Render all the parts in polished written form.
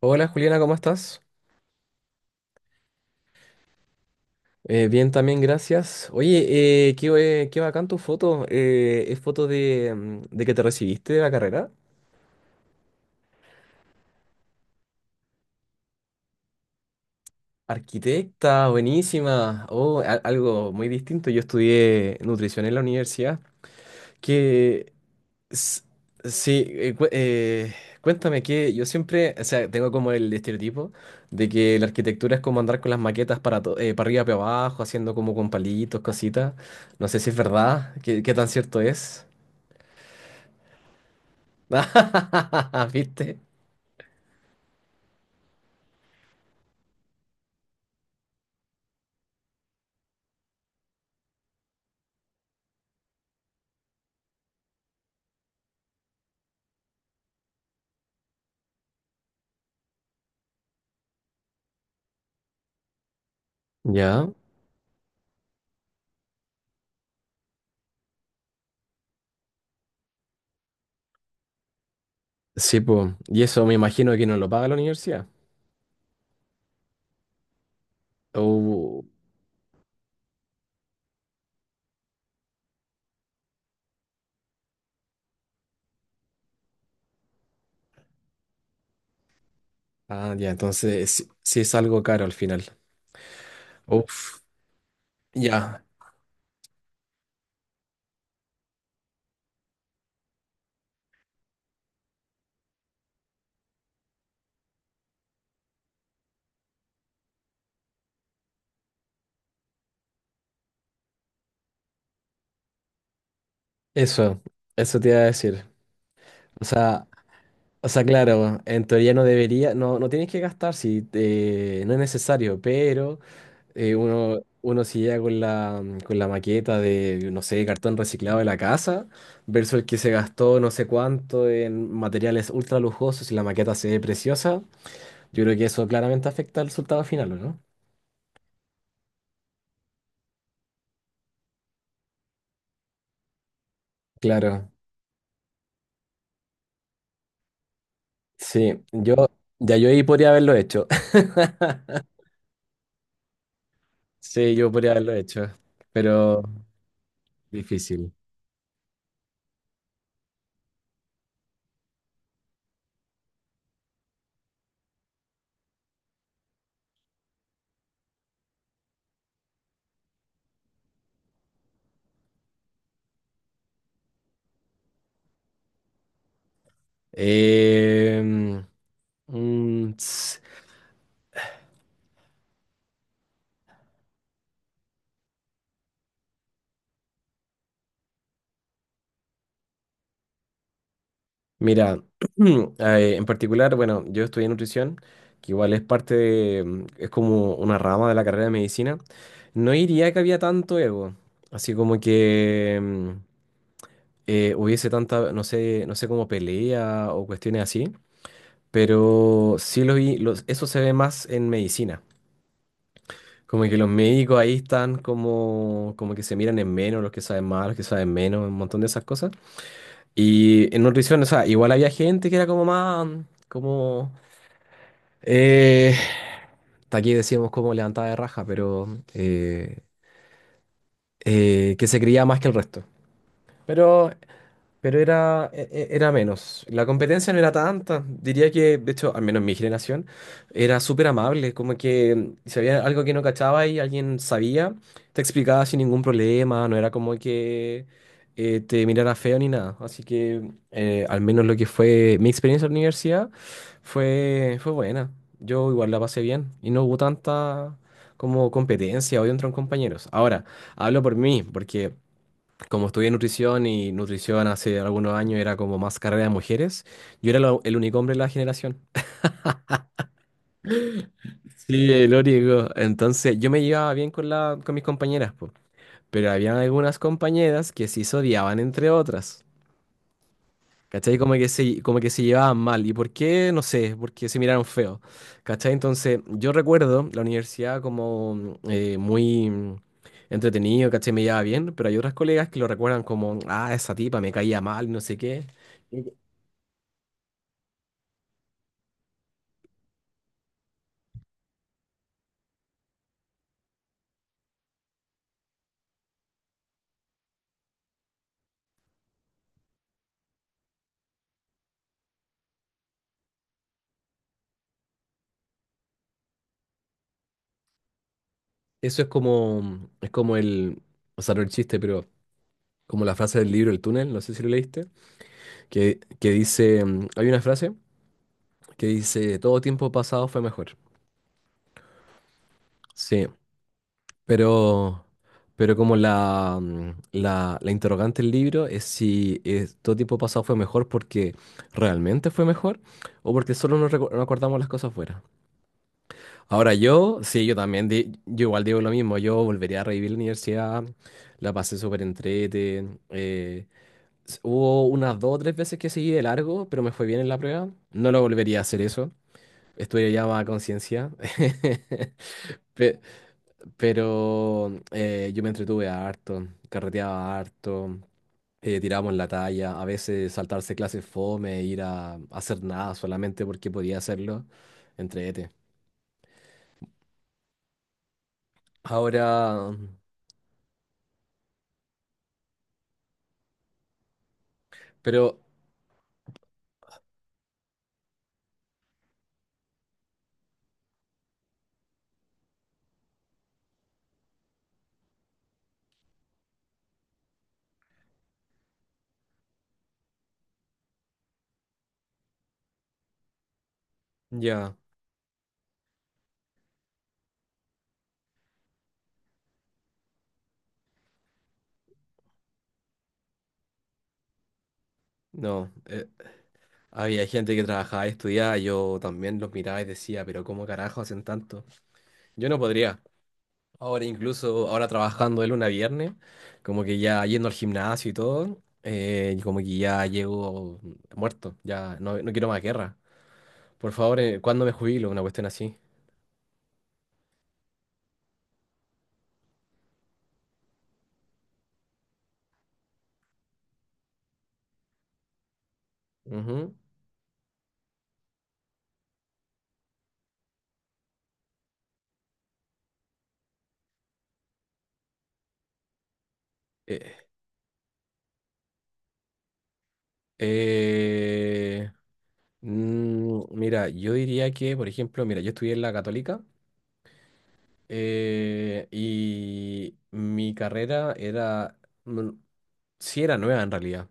Hola Juliana, ¿cómo estás? Bien, también, gracias. Oye, qué bacán tu foto. ¿Es foto de que te recibiste de la carrera? Arquitecta, buenísima. Oh, algo muy distinto. Yo estudié nutrición en la universidad. Que s- sí, cuéntame que yo siempre, o sea, tengo como el estereotipo de que la arquitectura es como andar con las maquetas para arriba, para abajo, haciendo como con palitos, cositas. No sé si es verdad, qué tan cierto es. ¿Viste? Ya, sí, pues. Y eso me imagino que no lo paga la universidad. Oh, ah, ya, entonces sí, sí es algo caro al final. Uf, ya, eso, eso te iba a decir. O sea, claro, en teoría no debería, no tienes que gastar no es necesario, pero uno se llega con la maqueta de, no sé, cartón reciclado de la casa, versus el que se gastó no sé cuánto en materiales ultra lujosos y la maqueta se ve preciosa. Yo creo que eso claramente afecta al resultado final, ¿o no? Claro, sí, ya yo ahí podría haberlo hecho. Sí, yo podría haberlo hecho, pero difícil. Em, mm, Mira, en particular, bueno, yo estudié nutrición, que igual es parte de, es como una rama de la carrera de medicina. No diría que había tanto ego, así como que hubiese tanta, no sé como pelea o cuestiones así, pero sí lo vi, eso se ve más en medicina. Como que los médicos ahí están como que se miran en menos, los que saben más, los que saben menos, un montón de esas cosas. Y en nutrición, o sea, igual había gente que era como más, como Eh, hasta aquí decíamos como levantada de raja, pero que se creía más que el resto. Pero pero era, era menos. La competencia no era tanta. Diría que, de hecho, al menos mi generación, era súper amable. Como que si había algo que no cachaba y alguien sabía, te explicaba sin ningún problema. No era como que te mirara feo ni nada. Así que, al menos lo que fue mi experiencia en la universidad fue buena. Yo igual la pasé bien y no hubo tanta como competencia o entre compañeros. Ahora, hablo por mí, porque como estudié nutrición y nutrición hace algunos años era como más carrera de mujeres, yo era el único hombre de la generación. Sí, el único. Entonces yo me llevaba bien con mis compañeras, po. Pero había algunas compañeras que sí se odiaban entre otras. ¿Cachai? Como que se llevaban mal. ¿Y por qué? No sé, porque se miraron feo. ¿Cachai? Entonces yo recuerdo la universidad como muy entretenido, ¿cachai? Me llevaba bien, pero hay otras colegas que lo recuerdan como, ah, esa tipa me caía mal, no sé qué. Eso es como el, o sea, no el chiste, pero como la frase del libro El túnel, no sé si lo leíste, que dice, hay una frase que dice, todo tiempo pasado fue mejor. Sí, pero, pero como la interrogante del libro es si es, todo tiempo pasado fue mejor porque realmente fue mejor o porque solo nos acordamos las cosas fuera. Ahora yo, sí, yo también, di- yo igual digo lo mismo, yo volvería a revivir la universidad, la pasé súper entrete. Hubo unas dos o tres veces que seguí de largo, pero me fue bien en la prueba. No lo volvería a hacer eso. Estuve ya más a conciencia. Pe- Pero yo me entretuve harto, carreteaba harto, tirábamos la talla, a veces saltarse clases fome, ir a hacer nada solamente porque podía hacerlo. Entrete. Ahora, pero ya, no. Había gente que trabajaba y estudiaba, yo también los miraba y decía, pero ¿cómo carajo hacen tanto? Yo no podría. Ahora incluso, ahora trabajando de lunes a viernes, como que ya yendo al gimnasio y todo, como que ya llego muerto, ya no quiero más guerra. Por favor, ¿cuándo me jubilo? Una cuestión así. Ujú. Eh, eh, Mira, yo diría que, por ejemplo, mira, yo estudié en la Católica, y mi carrera era, mm, sí era nueva en realidad,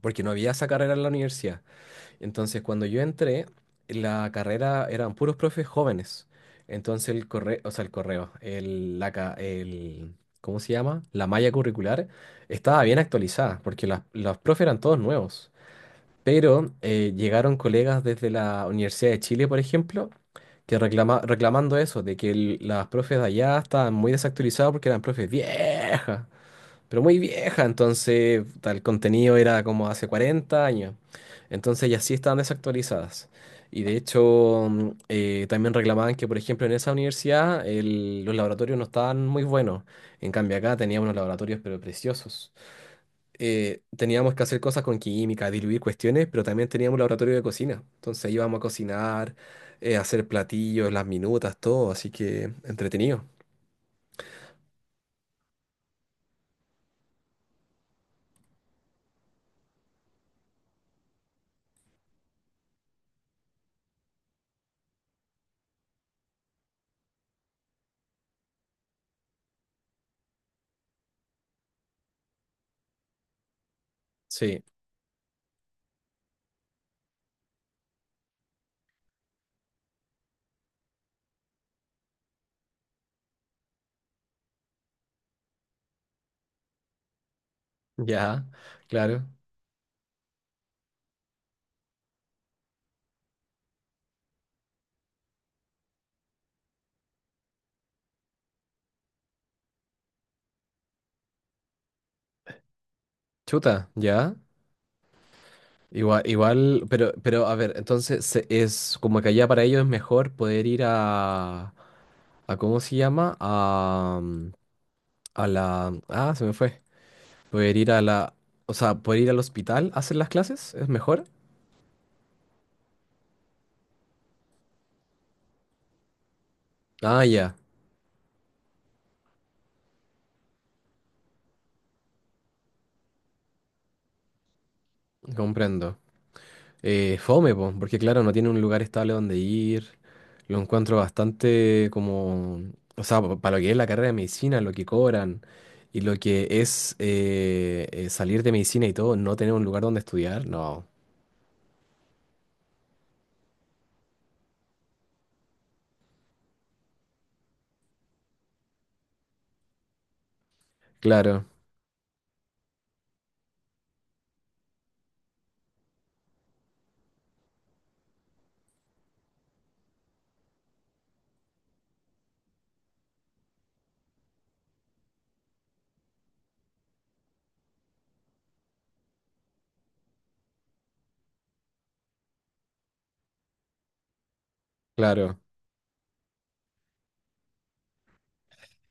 porque no había esa carrera en la universidad. Entonces, cuando yo entré, la carrera eran puros profes jóvenes. Entonces, el correo, o sea, el correo, el, la, ca- el, ¿cómo se llama? La malla curricular estaba bien actualizada, porque los profes eran todos nuevos. Pero llegaron colegas desde la Universidad de Chile, por ejemplo, que reclamando eso, de que las profes de allá estaban muy desactualizadas porque eran profes viejas pero muy vieja, entonces el contenido era como hace 40 años. Entonces ya sí estaban desactualizadas. Y de hecho también reclamaban que, por ejemplo, en esa universidad los laboratorios no estaban muy buenos. En cambio acá teníamos unos laboratorios pero preciosos. Teníamos que hacer cosas con química, diluir cuestiones, pero también teníamos un laboratorio de cocina. Entonces íbamos a cocinar, hacer platillos, las minutas, todo. Así que entretenido. Sí, ya, claro. Chuta, ya. Igual, pero a ver, entonces es como que allá para ellos es mejor poder ir a ¿cómo se llama? A, mm, a la, ah, se me fue. Poder ir a la, o sea, poder ir al hospital a hacer las clases, ¿es mejor? Ah, ya, comprendo. Fome, po, porque claro, no tiene un lugar estable donde ir. Lo encuentro bastante como, o sea, para lo que es la carrera de medicina, lo que cobran y lo que es salir de medicina y todo, no tener un lugar donde estudiar, no. Claro, claro.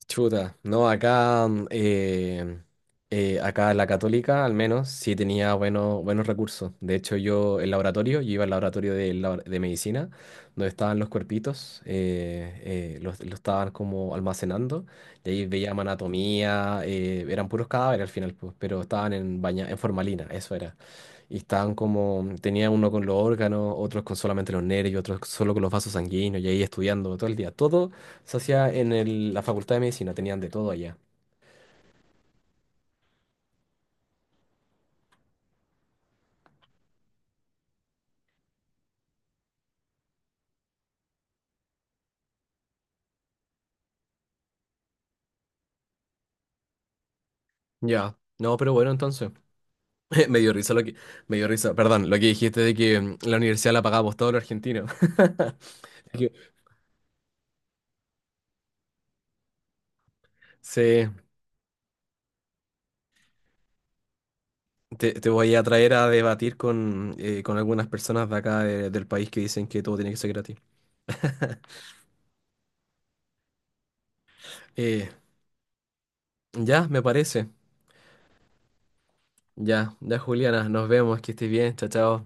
Chuta, no, acá la Católica al menos sí tenía buenos, buenos recursos. De hecho, yo el laboratorio, yo iba al laboratorio de medicina, donde estaban los cuerpitos, los estaban como almacenando, y ahí veían anatomía, eran puros cadáveres al final, pues, pero estaban en formalina, eso era. Y estaban como, tenía uno con los órganos, otros con solamente los nervios, otros solo con los vasos sanguíneos, y ahí estudiando todo el día. Todo se hacía en la Facultad de Medicina, tenían de todo allá. Ya, no, pero bueno, entonces. Me dio risa lo que, Me dio risa, perdón, lo que dijiste de que la universidad la pagamos todos los argentinos. Que se- te voy a traer a debatir con algunas personas de acá del país que dicen que todo tiene que ser gratis. Eh, ya, me parece. Ya, ya, Juliana, nos vemos, que estés bien, chao, chao.